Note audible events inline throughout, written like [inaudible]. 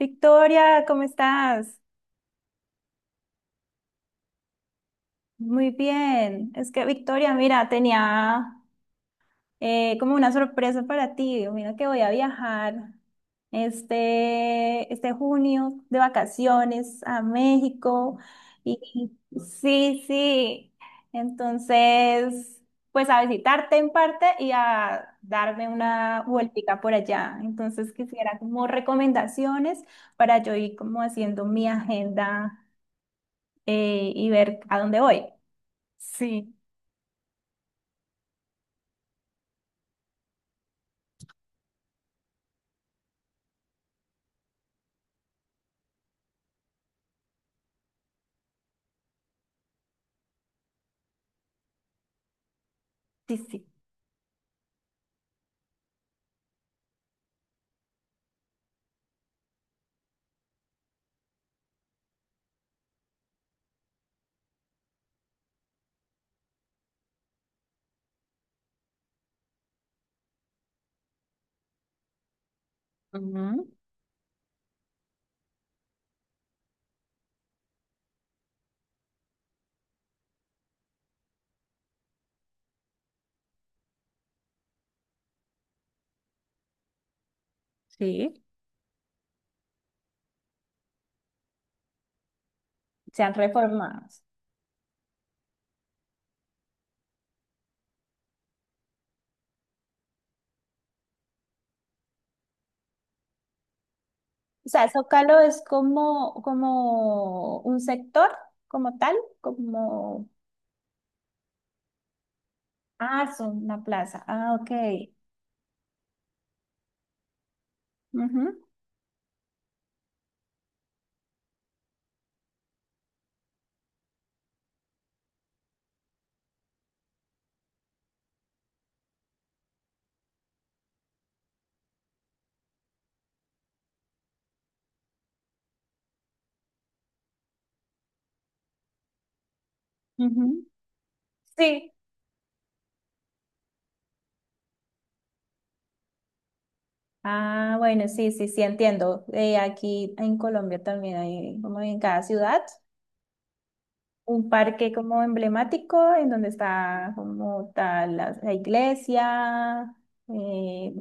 Victoria, ¿cómo estás? Muy bien. Es que Victoria, mira, tenía como una sorpresa para ti. Mira que voy a viajar este junio de vacaciones a México. Y sí, sí. Entonces, pues a visitarte en parte y a darme una vueltica por allá. Entonces quisiera como recomendaciones para yo ir como haciendo mi agenda, y ver a dónde voy. Sí. Sí, sí. Ujú. Sí. Se han reformado. O sea, Zócalo es como, como un sector, como tal, como... Ah, son una plaza. Ah, ok. Ujú. Ujú. Sí. Ah, bueno, sí, sí, sí, entiendo. Aquí en Colombia también hay, como en cada ciudad, un parque como emblemático en donde está como tal la, la iglesia, eh.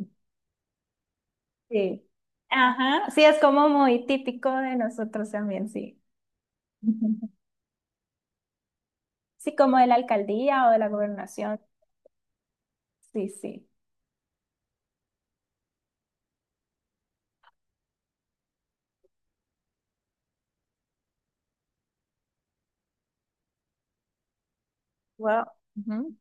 Sí. Ajá, sí, es como muy típico de nosotros también, sí. [laughs] Sí, como de la alcaldía o de la gobernación. Sí, sí. Wow. Ujú.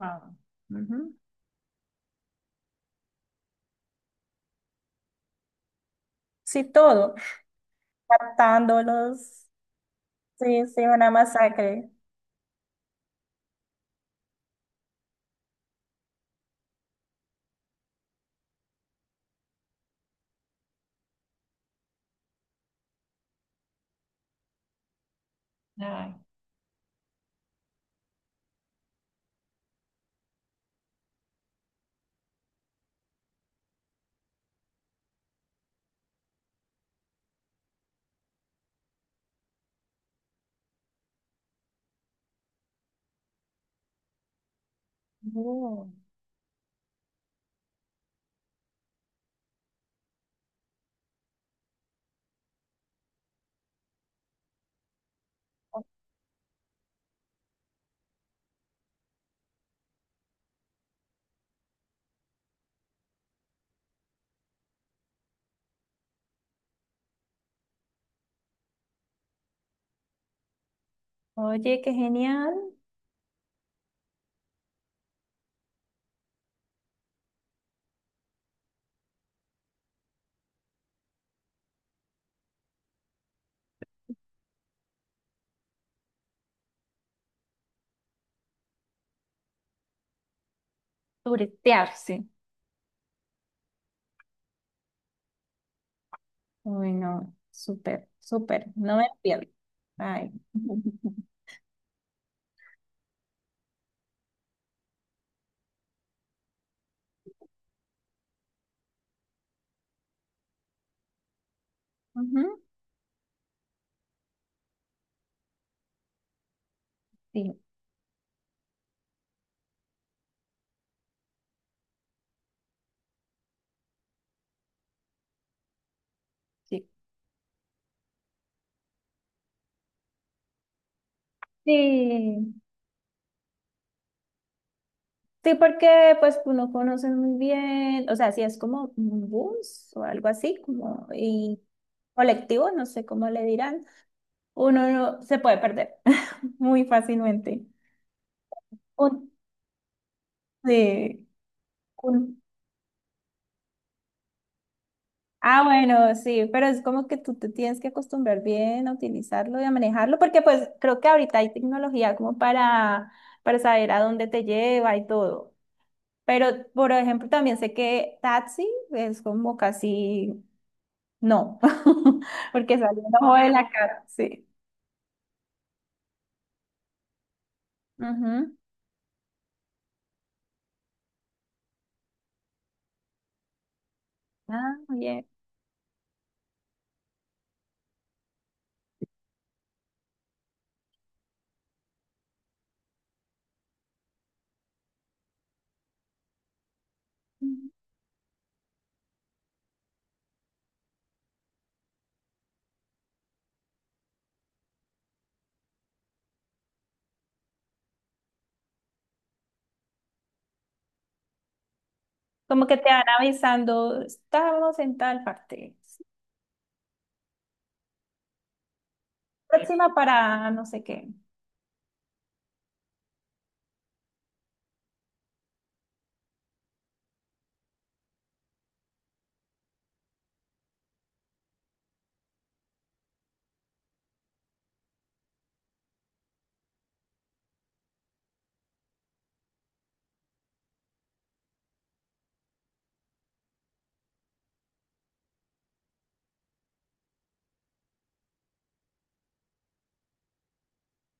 Wow. Ujú. Sí, todo. Matándolos. Sí, sí, una masacre. Ay. Oh. Oye, qué genial. Turetearse. Uy, no, súper, súper. No me pierdo. Ay. [laughs] Ujú. Sí, sí. Sí. Sí, porque pues uno conoce muy bien, o sea, si es como un bus o algo así, como y colectivo, no sé cómo le dirán, uno no- se puede perder [laughs] muy fácilmente. Un- sí. un- ah, bueno, sí, pero es como que tú te tienes que acostumbrar bien a utilizarlo y a manejarlo, porque pues creo que ahorita hay tecnología como para saber a dónde te lleva y todo. Pero, por ejemplo, también sé que taxi es como casi... No, [laughs] porque salió un ojo de la cara, sí. Ujú. Ah, bien. Como que te van avisando, estamos en tal parte. Próxima parada, no sé qué.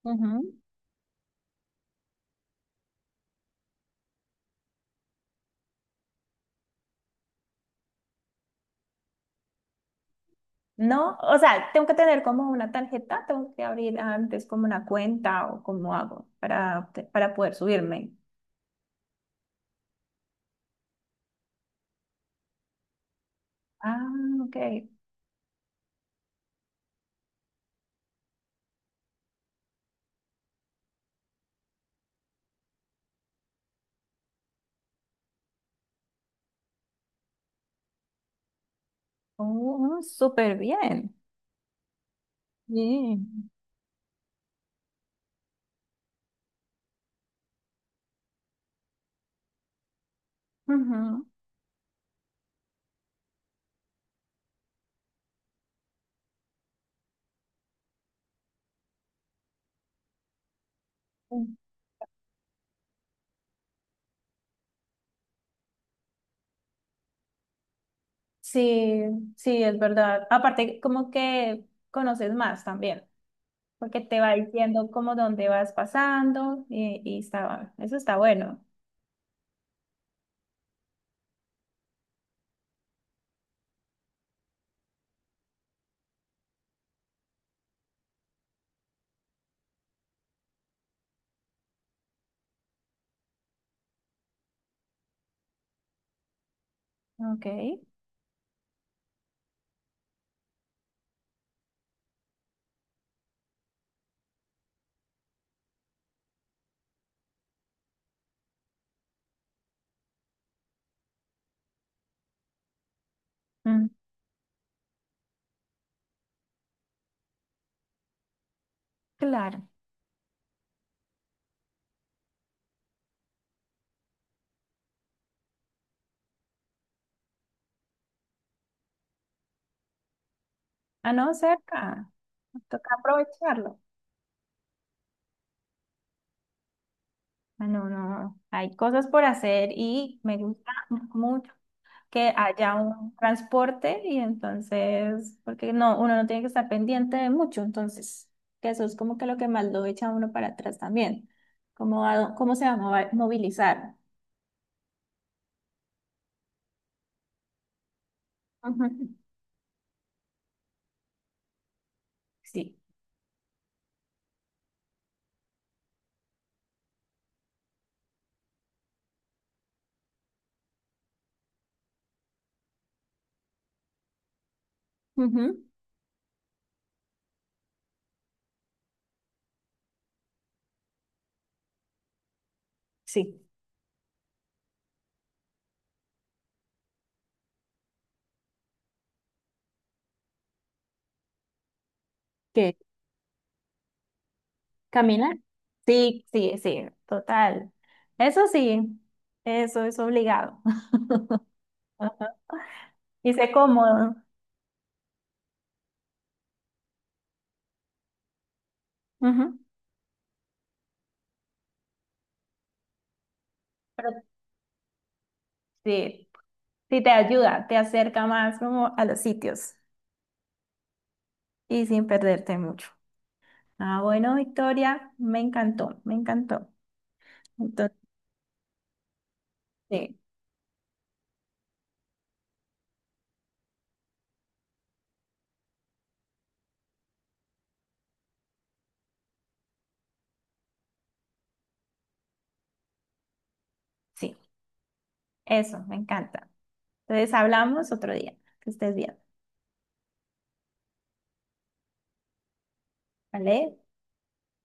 Ujú. No, o sea, tengo que tener como una tarjeta, tengo que abrir antes como una cuenta o cómo hago para, para poder subirme. Ah, ok. Oh, súper bien. Bien. Ujú. Sí, sí, es verdad. Aparte, como que conoces más también, porque te va diciendo como dónde vas pasando y está, eso está bueno. Ok. Mm, claro. Ah, no, cerca. Toca aprovecharlo. Ah, no, no. Hay cosas por hacer y me gusta mucho que haya un transporte y entonces, porque no, uno no tiene que estar pendiente de mucho, entonces, que eso es como que lo que más lo echa a uno para atrás también, cómo, cómo se va a movilizar. Ujú. Sí. Ujú. Sí. ¿Qué? ¿Caminar? Sí, sí, sí, total. Eso sí, eso es obligado. [laughs] Y sé cómodo. Ujú. Pero sí, sí te ayuda, te acerca más como a los sitios y sin perderte mucho. Ah, bueno, Victoria, me encantó, me encantó. Entonces, sí, sí, eso, me encanta. Entonces, hablamos otro día. Que estés bien, ¿vale?